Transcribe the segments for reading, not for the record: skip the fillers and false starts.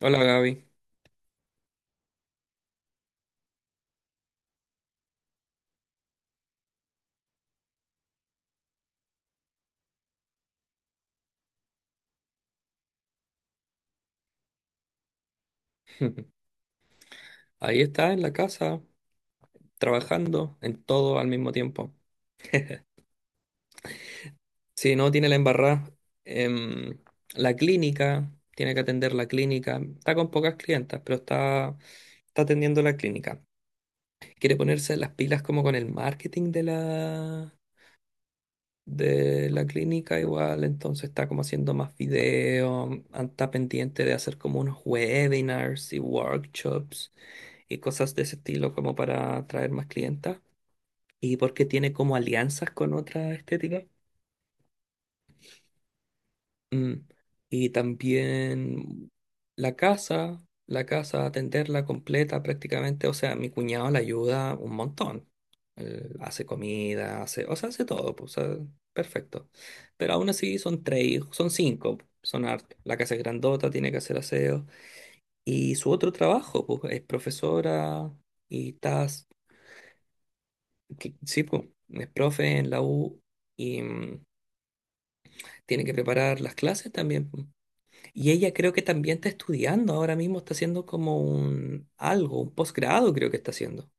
Hola Gaby. Ahí está en la casa, trabajando en todo al mismo tiempo. Sí, no, tiene la embarrada. em, la clínica, tiene que atender la clínica. Está con pocas clientas, pero está atendiendo la clínica. Quiere ponerse las pilas como con el marketing de la clínica igual, entonces está como haciendo más videos, está pendiente de hacer como unos webinars y workshops y cosas de ese estilo como para atraer más clientas. Y porque tiene como alianzas con otras estéticas. Mm. Y también la casa, atenderla completa prácticamente, o sea, mi cuñado la ayuda un montón. Él hace comida, o sea, hace todo, pues, o sea, perfecto. Pero aún así son tres, son cinco, son hartos. La casa es grandota, tiene que hacer aseo. Y su otro trabajo, pues, es profesora y estás, que- sí, pues, es profe en la U. Y, tiene que preparar las clases también. Y ella creo que también está estudiando ahora mismo, está haciendo como un algo, un posgrado creo que está haciendo.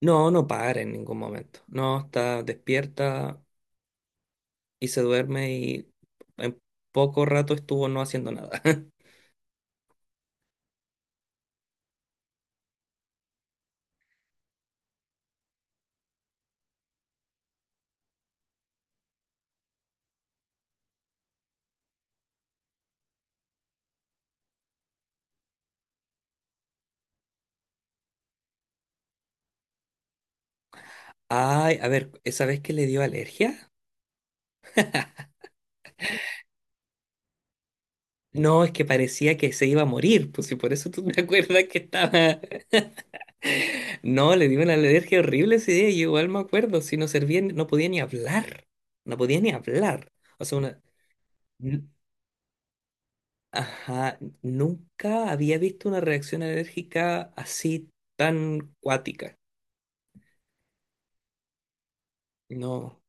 No, no para en ningún momento. No, está despierta y se duerme y en poco rato estuvo no haciendo nada. Ay, a ver, ¿esa vez que le dio alergia? No, es que parecía que se iba a morir, pues si por eso tú me acuerdas que estaba. No, le di una alergia horrible ese día, yo igual me acuerdo, si no servía, ni- no podía ni hablar, no podía ni hablar. O sea, una... n- Ajá, nunca había visto una reacción alérgica así tan cuática. No.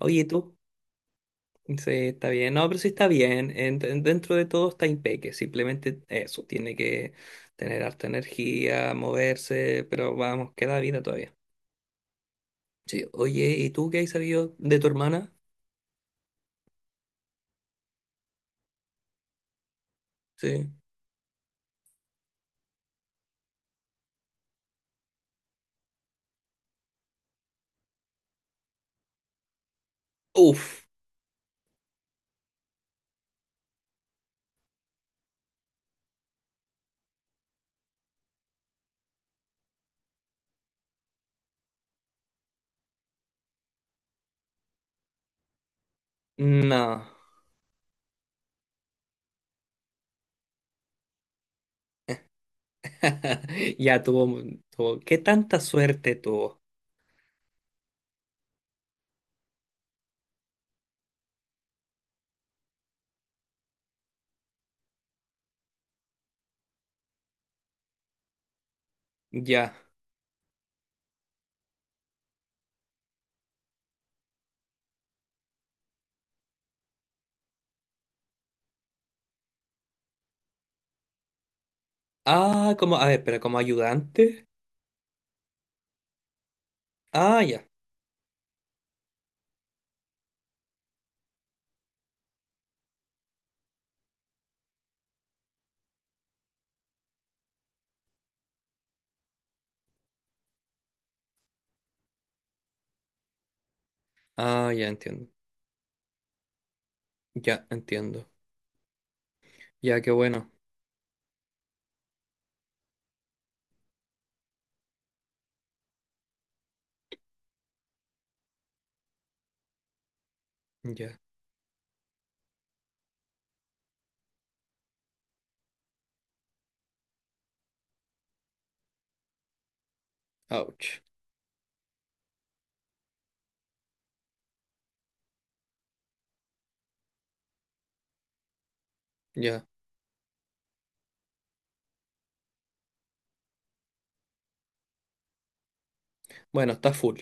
Oye, tú, sí, está bien. No, pero sí está bien. Dentro de todo está impeque. Simplemente eso, tiene que tener harta energía, moverse, pero vamos, queda vida todavía. Sí, oye, ¿y tú qué has sabido de tu hermana? Sí. Uf. No. Ya tuvo, tuvo. ¿Qué tanta suerte tuvo? Ya. Ah, como, a ver, pero como ayudante. Ah, ya. Ah, ya entiendo. Ya entiendo. Ya, qué bueno. Ya. Ouch. Ya. Bueno, está full.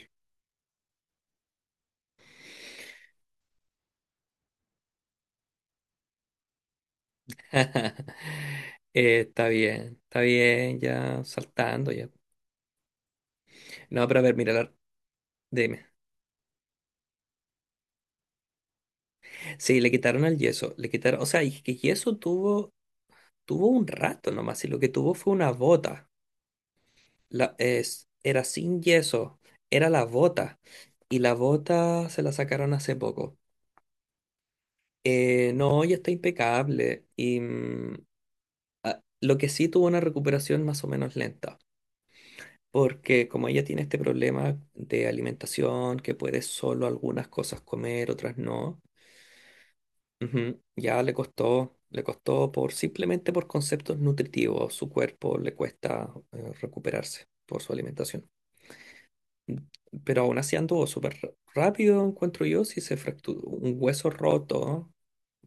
Está bien, ya saltando ya. No, pero a ver, mira, la- dime. Sí, le quitaron el yeso, le quitaron, o sea, y que yeso tuvo, tuvo un rato nomás, y lo que tuvo fue una bota. La, es, era sin yeso, era la bota. Y la bota se la sacaron hace poco. No, ya está impecable. Y a- lo que sí tuvo una recuperación más o menos lenta. Porque como ella tiene este problema de alimentación, que puede solo algunas cosas comer, otras no, ujú, ya le costó por simplemente por conceptos nutritivos. Su cuerpo le cuesta recuperarse por su alimentación. Pero aún así anduvo súper rápido, encuentro yo, si se fracturó un hueso roto.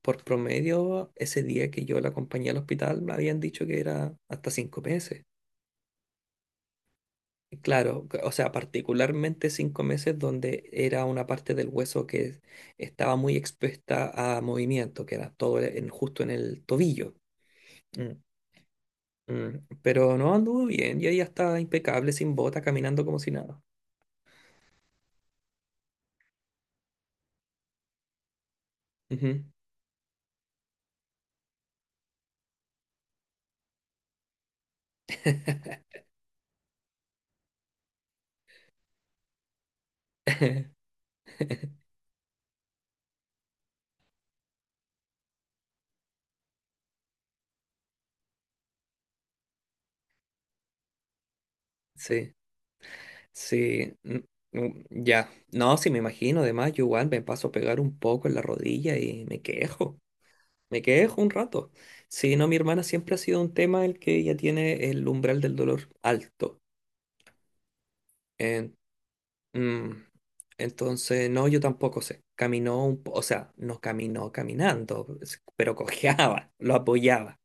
Por promedio, ese día que yo la acompañé al hospital, me habían dicho que era hasta 5 meses. Y claro, c- o sea, particularmente 5 meses donde era una parte del hueso que estaba muy expuesta a movimiento, que era todo en- justo en el tobillo. Mm, mm. Pero no anduvo bien, y ella estaba impecable, sin bota, caminando como si nada. Ujú. Sí. Sí, ya. No, sí, me imagino. Además, yo igual me paso a pegar un poco en la rodilla y me quejo. Me quejo un rato. Sí, no, mi hermana siempre ha sido un tema el que ella tiene el umbral del dolor alto. En- mm, entonces, no, yo tampoco sé. Caminó un po- o sea, no caminó caminando, es- pero cojeaba, lo apoyaba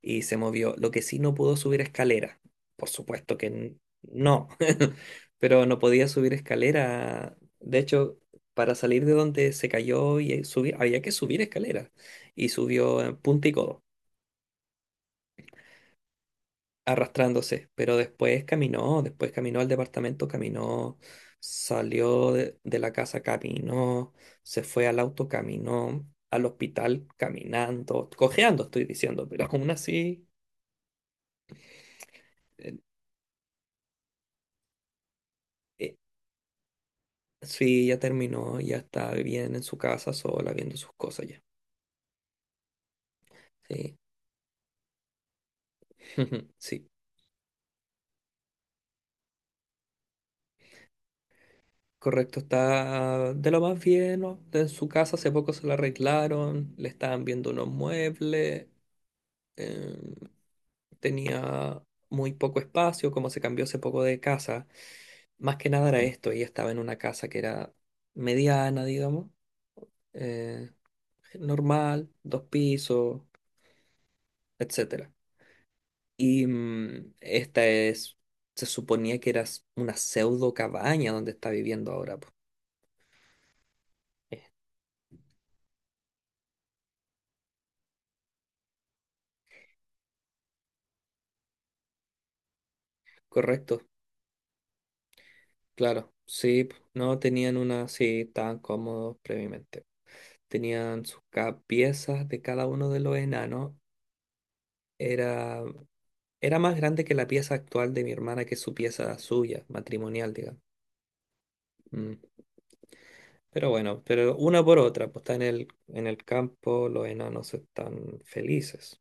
y se movió. Lo que sí no pudo subir escalera. Por supuesto que n- no, pero no podía subir escalera. De hecho, para salir de donde se cayó y subir, había que subir escalera. Y subió en punta y codo, arrastrándose. Pero después caminó al departamento, caminó, salió de la casa, caminó, se fue al auto, caminó al hospital caminando, cojeando, estoy diciendo, pero aún así, eh, eh, sí, ya terminó, ya está bien en su casa sola, viendo sus cosas ya. Sí, sí, correcto, está de lo más bien, ¿no? En su casa hace poco se la arreglaron, le estaban viendo unos muebles, eh, tenía muy poco espacio, como se cambió hace poco de casa. Más que nada era esto, ella estaba en una casa que era mediana, digamos, eh, normal, 2 pisos, etcétera. Y esta es, se suponía que era s- una pseudo cabaña donde está viviendo ahora, po. Eh, Correcto, claro, sí, po. No tenían una, sí, tan cómodos previamente. Tenían sus ca- piezas de cada uno de los enanos, era, era más grande que la pieza actual de mi hermana, que es su pieza suya, matrimonial, digamos. Mm. Pero bueno, pero una por otra, pues está en en el campo, los enanos están felices,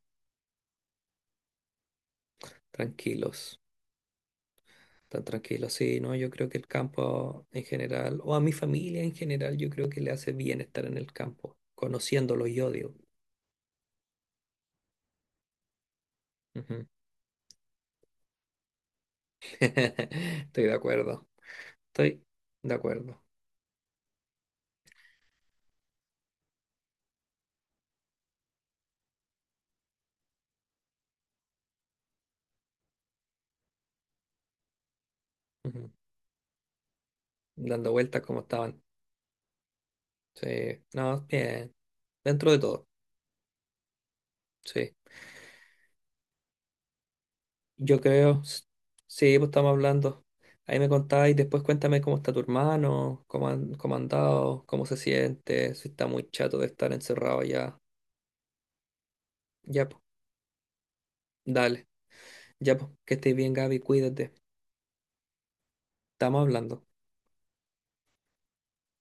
tranquilos. Tan tranquilo, sí, no, yo creo que el campo en general, o a mi familia en general, yo creo que le hace bien estar en el campo, conociéndolo yo, digo. Ujú. Estoy de acuerdo, estoy de acuerdo. Ujú. Dando vueltas como estaban. Sí, no, bien, dentro de todo, sí. Yo creo, s- sí, pues estamos hablando. Ahí me contáis, después cuéntame cómo está tu hermano, cómo han, cómo ha andado, cómo se siente, si está muy chato de estar encerrado ya. Ya, pues, dale. Ya, pues, que estés bien, Gaby, cuídate. Estamos hablando.